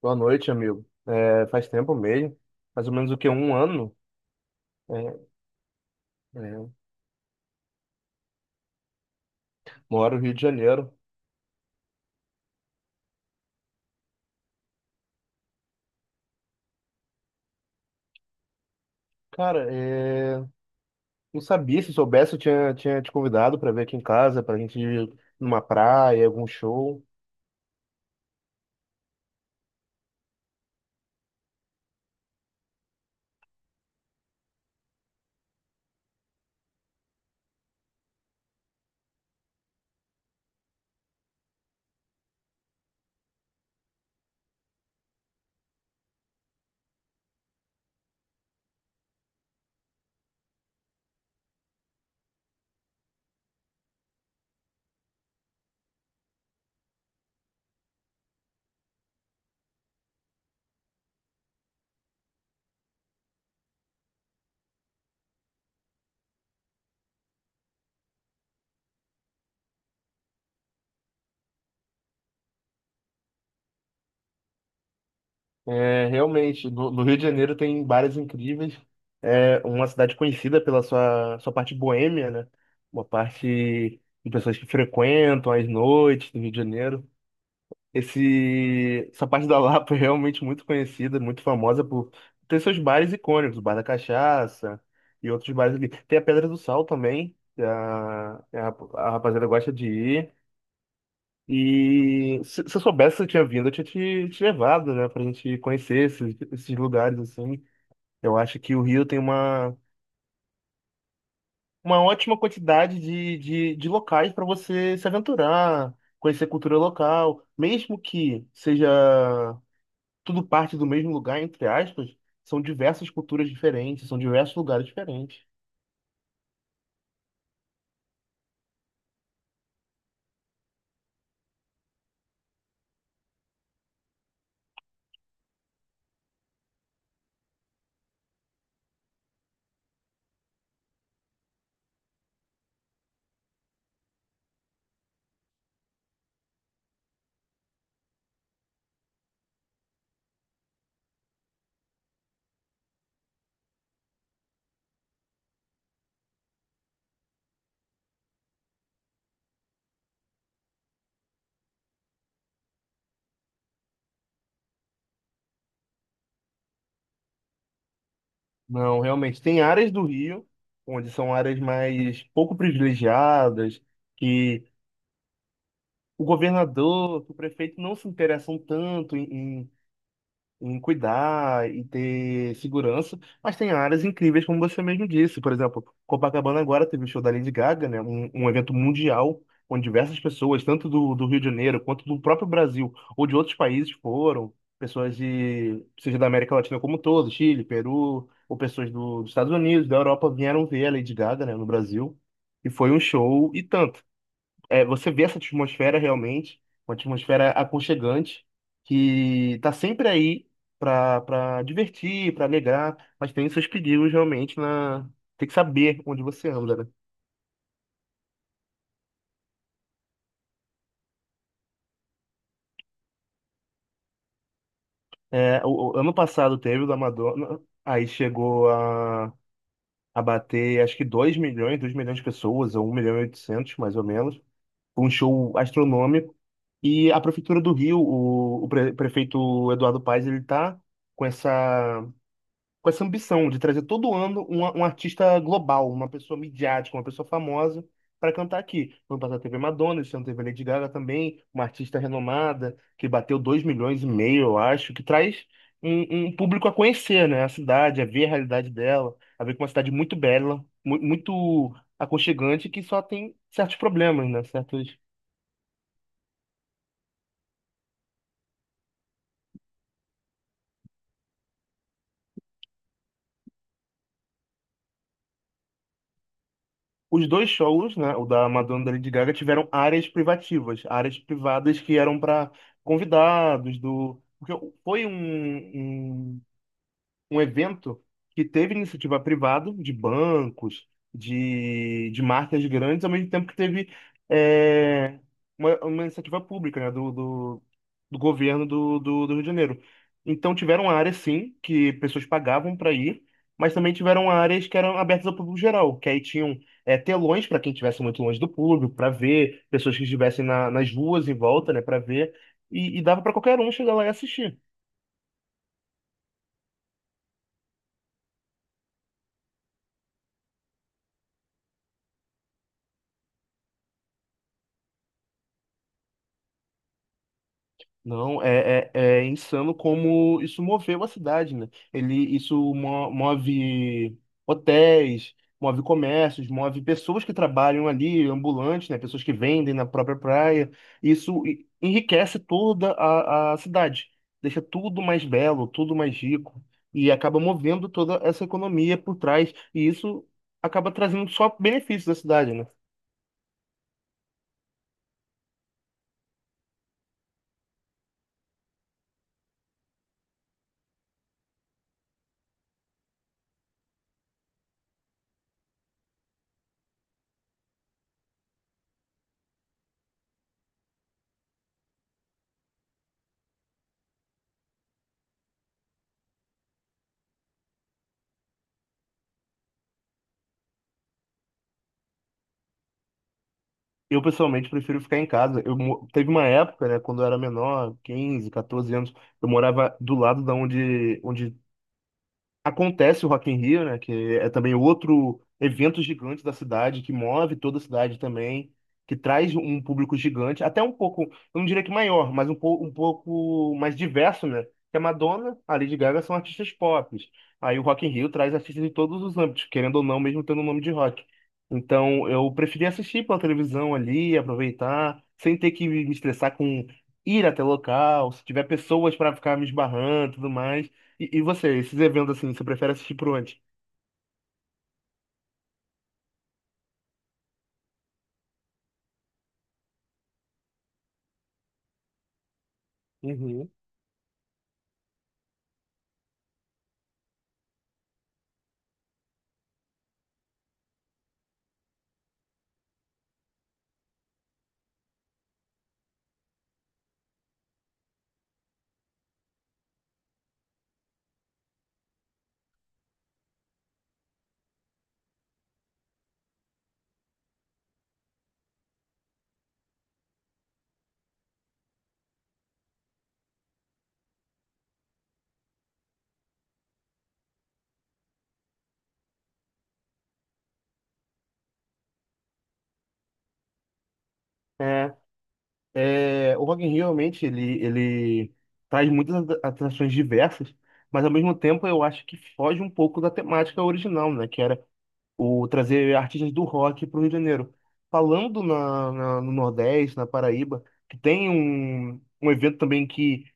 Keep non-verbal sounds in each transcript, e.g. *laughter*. Boa noite, amigo. É, faz tempo mesmo, mais ou menos o que, um ano. É, é, moro no Rio de Janeiro. Cara, é, não sabia, se soubesse, eu tinha te convidado para vir aqui em casa, para a gente ir numa praia, algum show. É, realmente, no Rio de Janeiro tem bares incríveis. É uma cidade conhecida pela sua parte boêmia, né? Uma parte de pessoas que frequentam as noites do Rio de Janeiro. Essa parte da *laughs* Lapa é realmente muito conhecida, muito famosa por ter seus bares icônicos, o Bar da Cachaça e outros bares ali. Tem a Pedra do Sal também, que a rapaziada gosta de ir. E se eu soubesse que eu tinha vindo, eu tinha te levado, né, pra gente conhecer esses lugares, assim. Eu acho que o Rio tem uma ótima quantidade de locais para você se aventurar, conhecer cultura local, mesmo que seja, tudo parte do mesmo lugar, entre aspas, são diversas culturas diferentes, são diversos lugares diferentes. Não, realmente, tem áreas do Rio, onde são áreas mais pouco privilegiadas, que o governador, o prefeito não se interessam tanto em cuidar e ter segurança, mas tem áreas incríveis, como você mesmo disse. Por exemplo, Copacabana agora teve o show da Lady Gaga, né? Um evento mundial, onde diversas pessoas, tanto do Rio de Janeiro quanto do próprio Brasil ou de outros países, foram. Pessoas de, seja da América Latina como um todo, Chile, Peru, ou pessoas dos Estados Unidos, da Europa, vieram ver a Lady Gaga, né, no Brasil. E foi um show e tanto. É, você vê essa atmosfera realmente, uma atmosfera aconchegante, que tá sempre aí para divertir, para alegrar, mas tem seus perigos realmente. Na. Tem que saber onde você anda, né? É, o ano passado teve o da Madonna, aí chegou a bater acho que 2 milhões, 2 milhões de pessoas, ou 1 milhão e 800 mais ou menos. Foi um show astronômico. E a Prefeitura do Rio, o prefeito Eduardo Paes, ele tá com essa com essa ambição de trazer todo ano um artista global, uma pessoa midiática, uma pessoa famosa para cantar aqui. No ano passado teve a Madonna, esse ano teve a Lady Gaga também, uma artista renomada que bateu 2,5 milhões, eu acho, que traz um público a conhecer, né, a cidade, a ver a realidade dela, a ver que é uma cidade muito bela, muito aconchegante, que só tem certos problemas, né, certos. Os dois shows, né, o da Madonna e da Lady Gaga, tiveram áreas privativas, áreas privadas que eram para convidados do, porque foi um evento que teve iniciativa privada de bancos, de marcas grandes, ao mesmo tempo que teve eh, uma iniciativa pública, né, do governo do Rio de Janeiro. Então tiveram áreas, sim, que pessoas pagavam para ir, mas também tiveram áreas que eram abertas ao público geral, que aí tinham telões para quem estivesse muito longe do público, para ver, pessoas que estivessem nas ruas em volta, né, para ver, e dava para qualquer um chegar lá e assistir. Não, é insano como isso moveu a cidade, né? Ele, isso move hotéis, move comércios, move pessoas que trabalham ali, ambulantes, né? Pessoas que vendem na própria praia. Isso enriquece toda a cidade, deixa tudo mais belo, tudo mais rico e acaba movendo toda essa economia por trás. E isso acaba trazendo só benefícios à cidade, né? Eu pessoalmente prefiro ficar em casa. Teve uma época, né, quando eu era menor, 15, 14 anos, eu morava do lado onde acontece o Rock in Rio, né? Que é também outro evento gigante da cidade, que move toda a cidade também, que traz um público gigante, até um pouco, eu não diria que maior, mas um pouco mais diverso, né? Que a Madonna, a Lady Gaga são artistas pop. Aí o Rock in Rio traz artistas de todos os âmbitos, querendo ou não, mesmo tendo o nome de rock. Então eu preferi assistir pela televisão ali, aproveitar, sem ter que me estressar com ir até local, se tiver pessoas para ficar me esbarrando e tudo mais. E você, esses eventos assim, você prefere assistir por onde? Uhum. É, é, o Rock in Rio realmente ele traz muitas atrações diversas, mas ao mesmo tempo eu acho que foge um pouco da temática original, né? Que era o trazer artistas do rock para o Rio de Janeiro. Falando no Nordeste, na Paraíba, que tem um evento também que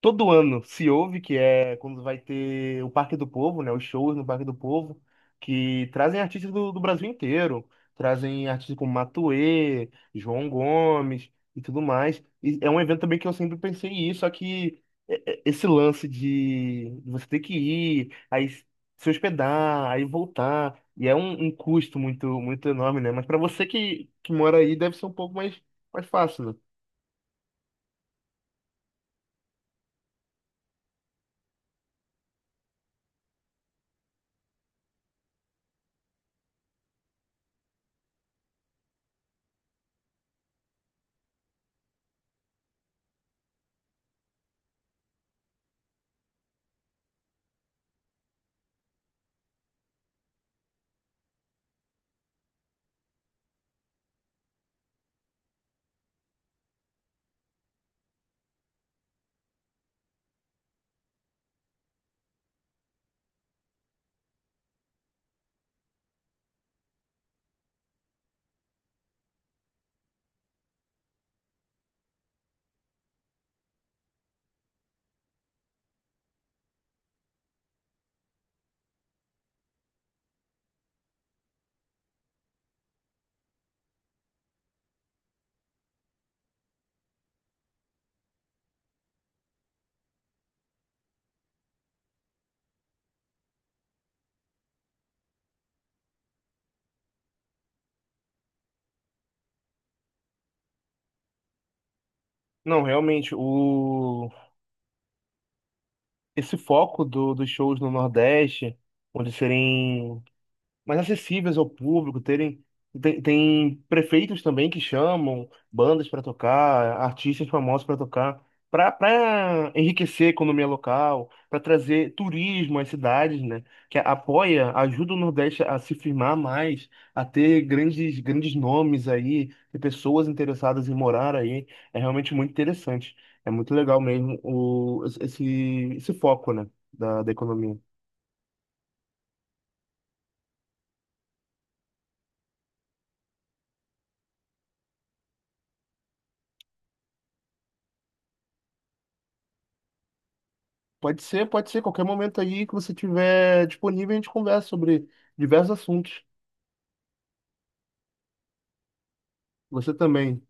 todo ano se ouve que é quando vai ter o Parque do Povo, né? Os shows no Parque do Povo, que trazem artistas do Brasil inteiro. Trazem artistas como Matuê, João Gomes e tudo mais. E é um evento também que eu sempre pensei em ir, só que esse lance de você ter que ir, aí se hospedar, aí voltar, e é um custo muito, muito enorme, né? Mas para você que mora aí, deve ser um pouco mais fácil, né? Não, realmente, o. esse foco dos shows no Nordeste, onde serem mais acessíveis ao público, tem prefeitos também que chamam bandas para tocar, artistas famosos para tocar, para enriquecer a economia local, para trazer turismo às cidades, né? Que apoia, ajuda o Nordeste a se firmar mais, a ter grandes nomes aí, e pessoas interessadas em morar aí, é realmente muito interessante. É muito legal mesmo esse foco, né, da economia. Pode ser, pode ser. Qualquer momento aí que você tiver disponível, a gente conversa sobre diversos assuntos. Você também.